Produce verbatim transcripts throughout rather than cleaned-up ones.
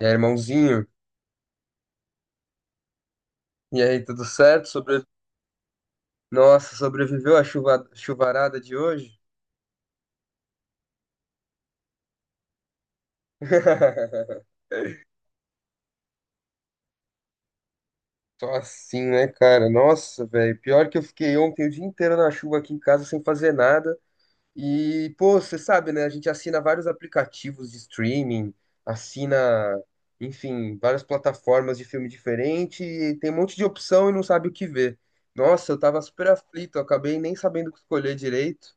E aí, irmãozinho? E aí, tudo certo? Sobre... Nossa, sobreviveu à chuva... chuvarada de hoje? Só assim, né, cara? Nossa, velho. Pior que eu fiquei ontem o dia inteiro na chuva aqui em casa sem fazer nada. E, pô, você sabe, né? A gente assina vários aplicativos de streaming, assina, enfim, várias plataformas de filme diferente e tem um monte de opção e não sabe o que ver. Nossa, eu tava super aflito, eu acabei nem sabendo o que escolher direito.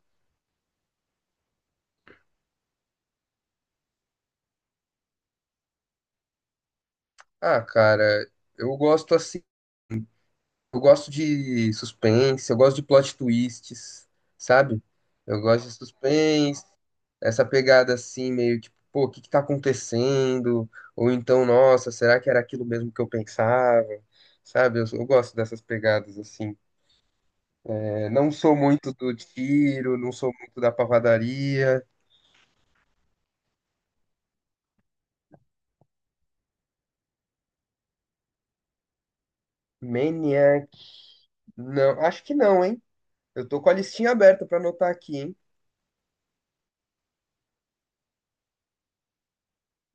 Ah, cara, eu gosto assim. Eu gosto de suspense, eu gosto de plot twists, sabe? Eu gosto de suspense, essa pegada assim, meio tipo, pô, o que que tá acontecendo? Ou então, nossa, será que era aquilo mesmo que eu pensava? Sabe? Eu, eu gosto dessas pegadas assim. É, não sou muito do tiro, não sou muito da pavadaria. Maniac. Não, acho que não, hein? Eu tô com a listinha aberta pra anotar aqui, hein?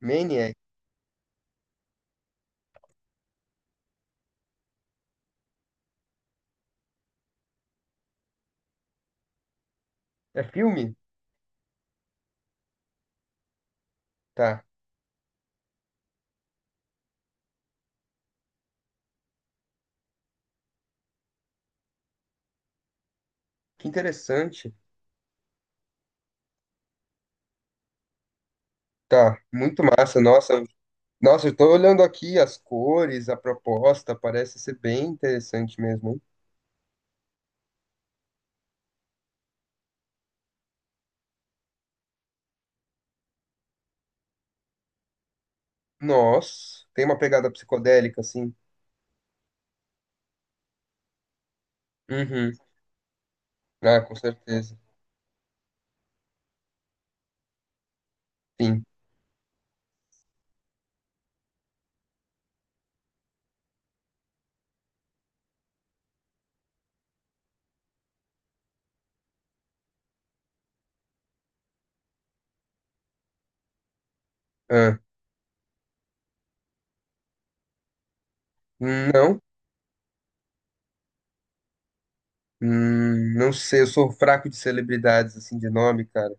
Maniac. É filme? Tá. Que interessante. Tá, muito massa. Nossa, nossa, eu tô olhando aqui as cores, a proposta, parece ser bem interessante mesmo, hein? Nossa, tem uma pegada psicodélica, assim. Uhum. Ah, com certeza. Sim. Ah, não? Hum, não sei, eu sou fraco de celebridades, assim, de nome, cara.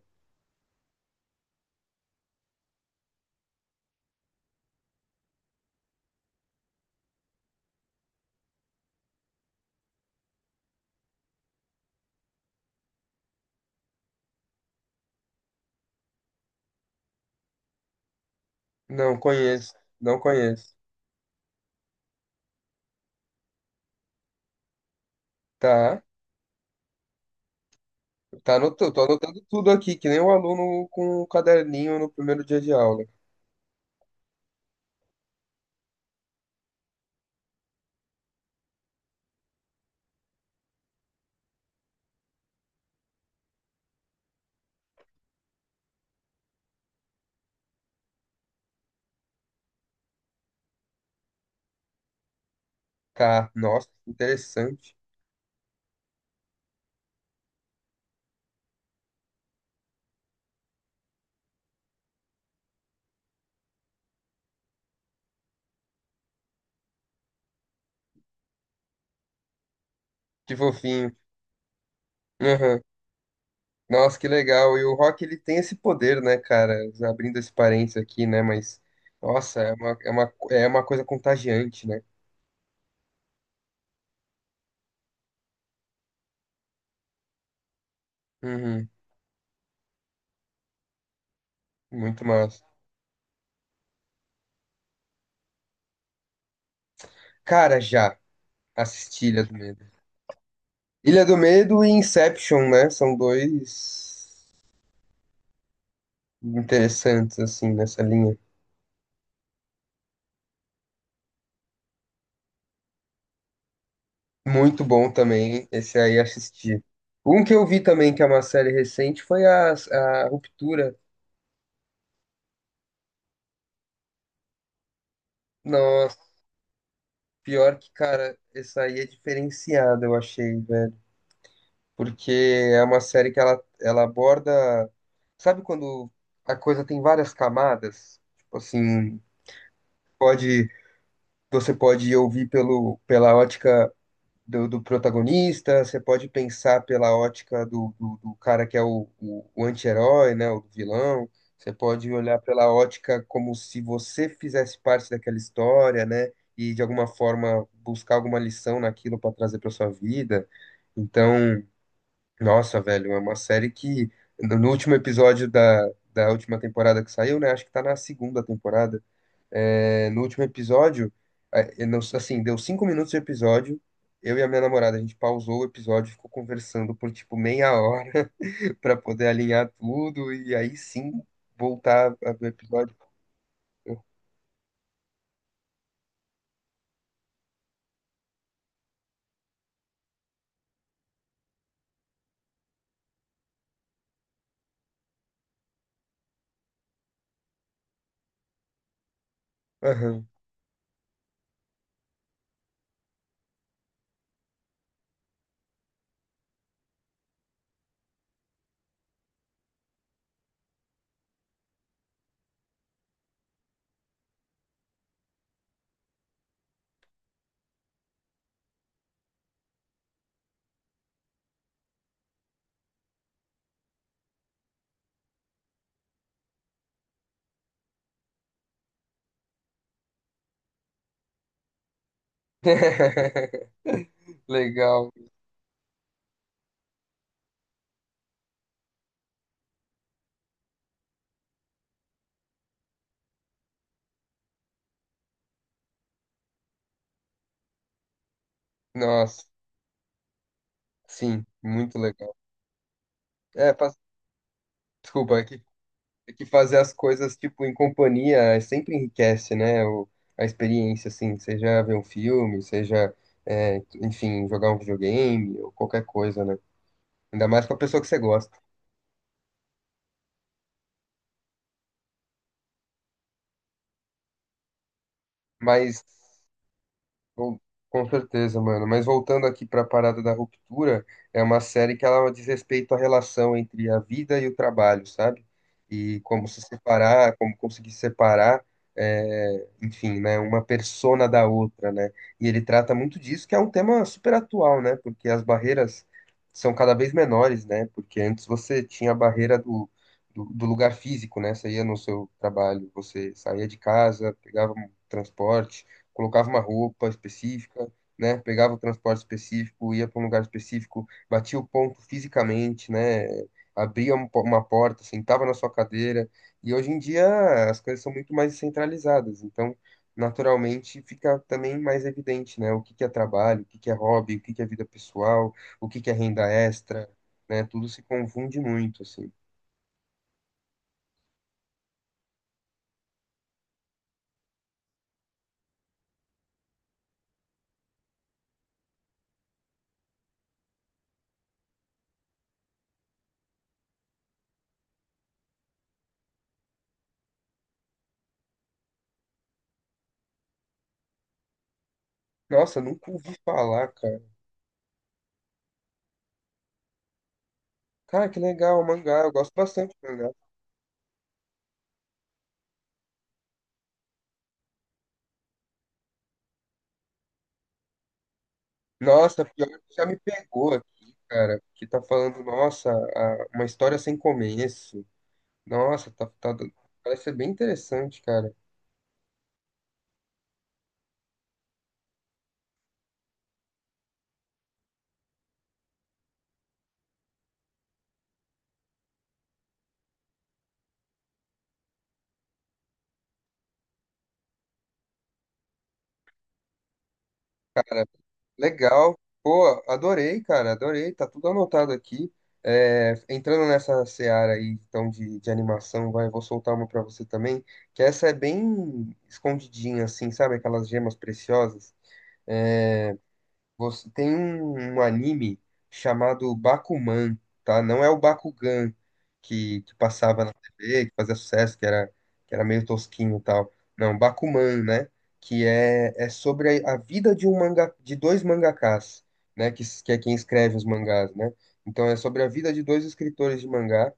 Não conheço, não conheço. Tá, tá anotando, tô anotando tudo aqui, que nem o aluno com o caderninho no primeiro dia de aula. Tá, nossa, interessante. Que fofinho. Nossa, que legal. E o rock, ele tem esse poder, né, cara? Abrindo esse parênteses aqui, né? Mas, nossa, é uma, é uma, é uma coisa contagiante, né? Uhum, muito massa. Cara, já assisti Ilha do Medo. Ilha do Medo e Inception, né? São dois interessantes, assim, nessa linha. Muito bom também, esse aí assisti. Um que eu vi também, que é uma série recente, foi a, a Ruptura. Nossa, pior que, cara, essa aí é diferenciada, eu achei, velho. Porque é uma série que ela, ela aborda. Sabe quando a coisa tem várias camadas? Tipo assim, pode, você pode ouvir pelo, pela ótica do, do protagonista, você pode pensar pela ótica do, do, do cara que é o, o, o anti-herói, né, o vilão. Você pode olhar pela ótica como se você fizesse parte daquela história, né? E de alguma forma buscar alguma lição naquilo para trazer para sua vida. Então. Nossa, velho, é uma série que no no último episódio da, da última temporada que saiu, né? Acho que tá na segunda temporada. É, no último episódio, é, eu não- assim, deu cinco minutos de episódio. Eu e a minha namorada, a gente pausou o episódio, e ficou conversando por tipo meia hora pra poder alinhar tudo e aí sim voltar a ver o episódio. Aham. Legal. Nossa, sim, muito legal. É, pas- desculpa, é que É que fazer as coisas, tipo, em companhia é, sempre enriquece, né? O, a experiência, assim, seja ver um filme, seja, é, enfim, jogar um videogame ou qualquer coisa, né? Ainda mais com a pessoa que você gosta. Mas Bom, com certeza, mano. Mas voltando aqui pra parada da ruptura, é uma série que ela diz respeito à relação entre a vida e o trabalho, sabe? E como se separar, como conseguir separar, é, enfim, né, uma persona da outra, né? E ele trata muito disso, que é um tema super atual, né? Porque as barreiras são cada vez menores, né? Porque antes você tinha a barreira do, do, do lugar físico, né? Você ia no seu trabalho, você saía de casa, pegava um transporte colocava uma roupa específica, né? Pegava o transporte específico, ia para um lugar específico, batia o ponto fisicamente, né? Abria um po- uma porta, sentava na sua cadeira. E hoje em dia as coisas são muito mais centralizadas, então naturalmente fica também mais evidente, né? O que que é trabalho, o que que é hobby, o que que é vida pessoal, o que que é renda extra, né? Tudo se confunde muito, assim. Nossa, nunca ouvi falar, cara. Cara, que legal, mangá. Eu gosto bastante de mangá. Nossa, pior que já me pegou aqui, cara, que tá falando, nossa, a- uma história sem começo. Nossa, tá, tá, parece ser bem interessante, cara. Cara, legal. Pô, adorei, cara, adorei. Tá tudo anotado aqui. É, entrando nessa seara aí, então, de, de animação, vai, vou soltar uma pra você também, que essa é bem escondidinha, assim, sabe? Aquelas gemas preciosas. É, Você tem um, um anime chamado Bakuman, tá? Não é o Bakugan que, que passava na T V, que fazia sucesso, que era, que era meio tosquinho e tal. Não, Bakuman, né? Que é, é sobre a, a vida de um manga, de dois mangakás, né? Que, s- que é quem escreve os mangás, né? Então é sobre a vida de dois escritores de mangá.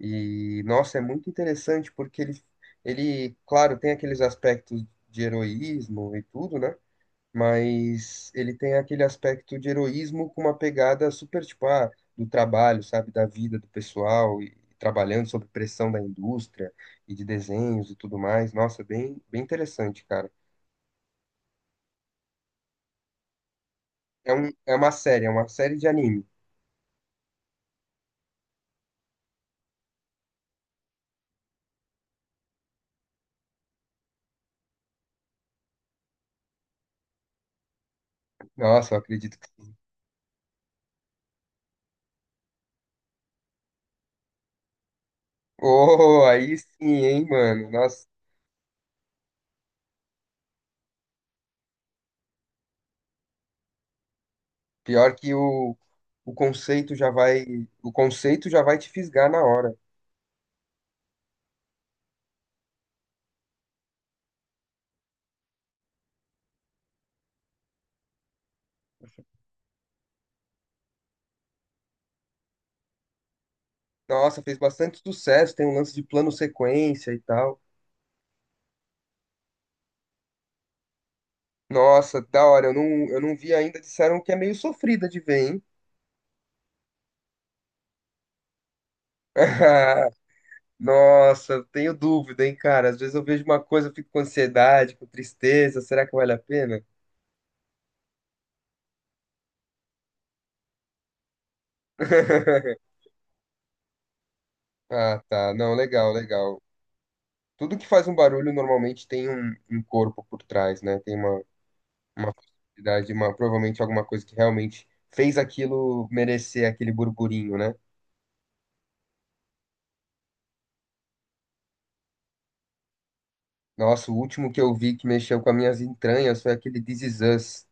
E, nossa, é muito interessante porque ele, ele, claro, tem aqueles aspectos de heroísmo e tudo, né? Mas ele tem aquele aspecto de heroísmo com uma pegada super, tipo, ah, do trabalho, sabe, da vida do pessoal, e trabalhando sob pressão da indústria e de desenhos e tudo mais. Nossa, bem, bem interessante, cara. É um, é uma série, é uma série de anime. Nossa, eu acredito que. Oh, aí sim, hein, mano. Nossa, pior que o, o conceito já vai, o conceito já vai te fisgar na hora. Nossa, fez bastante sucesso, tem um lance de plano sequência e tal. Nossa, da hora. Eu não, eu não vi ainda. Disseram que é meio sofrida de ver, hein? Nossa, eu tenho dúvida, hein, cara. Às vezes eu vejo uma coisa, eu fico com ansiedade, com tristeza. Será que vale a pena? Ah, tá. Não, legal, legal. Tudo que faz um barulho normalmente tem um, um corpo por trás, né? Tem uma, uma possibilidade, uma, provavelmente alguma coisa que realmente fez aquilo merecer aquele burburinho, né? Nossa, o último que eu vi que mexeu com as minhas entranhas foi aquele This Is Us.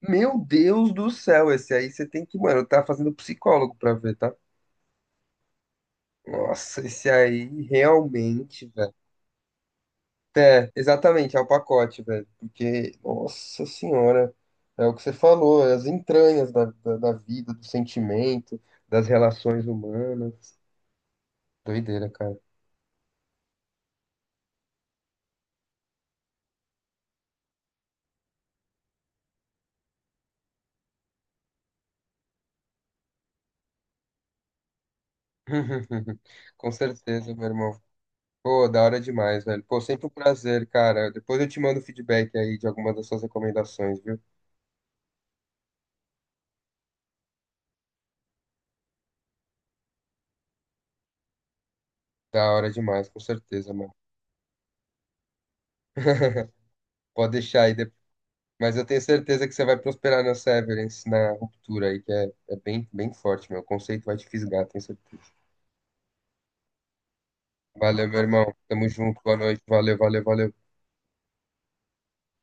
Meu Deus do céu, esse aí você tem que, mano, tá fazendo psicólogo pra ver, tá? Nossa, esse aí realmente, velho. É, exatamente, é o pacote, velho. Porque, nossa senhora, é o que você falou, é as entranhas da, da, da vida, do sentimento, das relações humanas. Doideira, cara. Com certeza, meu irmão. Pô, da hora demais, velho. Pô, sempre um prazer, cara. Depois eu te mando feedback aí de algumas das suas recomendações, viu? Da hora demais, com certeza, mano. Pode deixar aí. Mas eu tenho certeza que você vai prosperar na Severance, na ruptura aí, que é, é bem, bem forte, meu. O conceito vai te fisgar, tenho certeza. Valeu, meu irmão. Tamo junto. Boa noite. Valeu, valeu, valeu.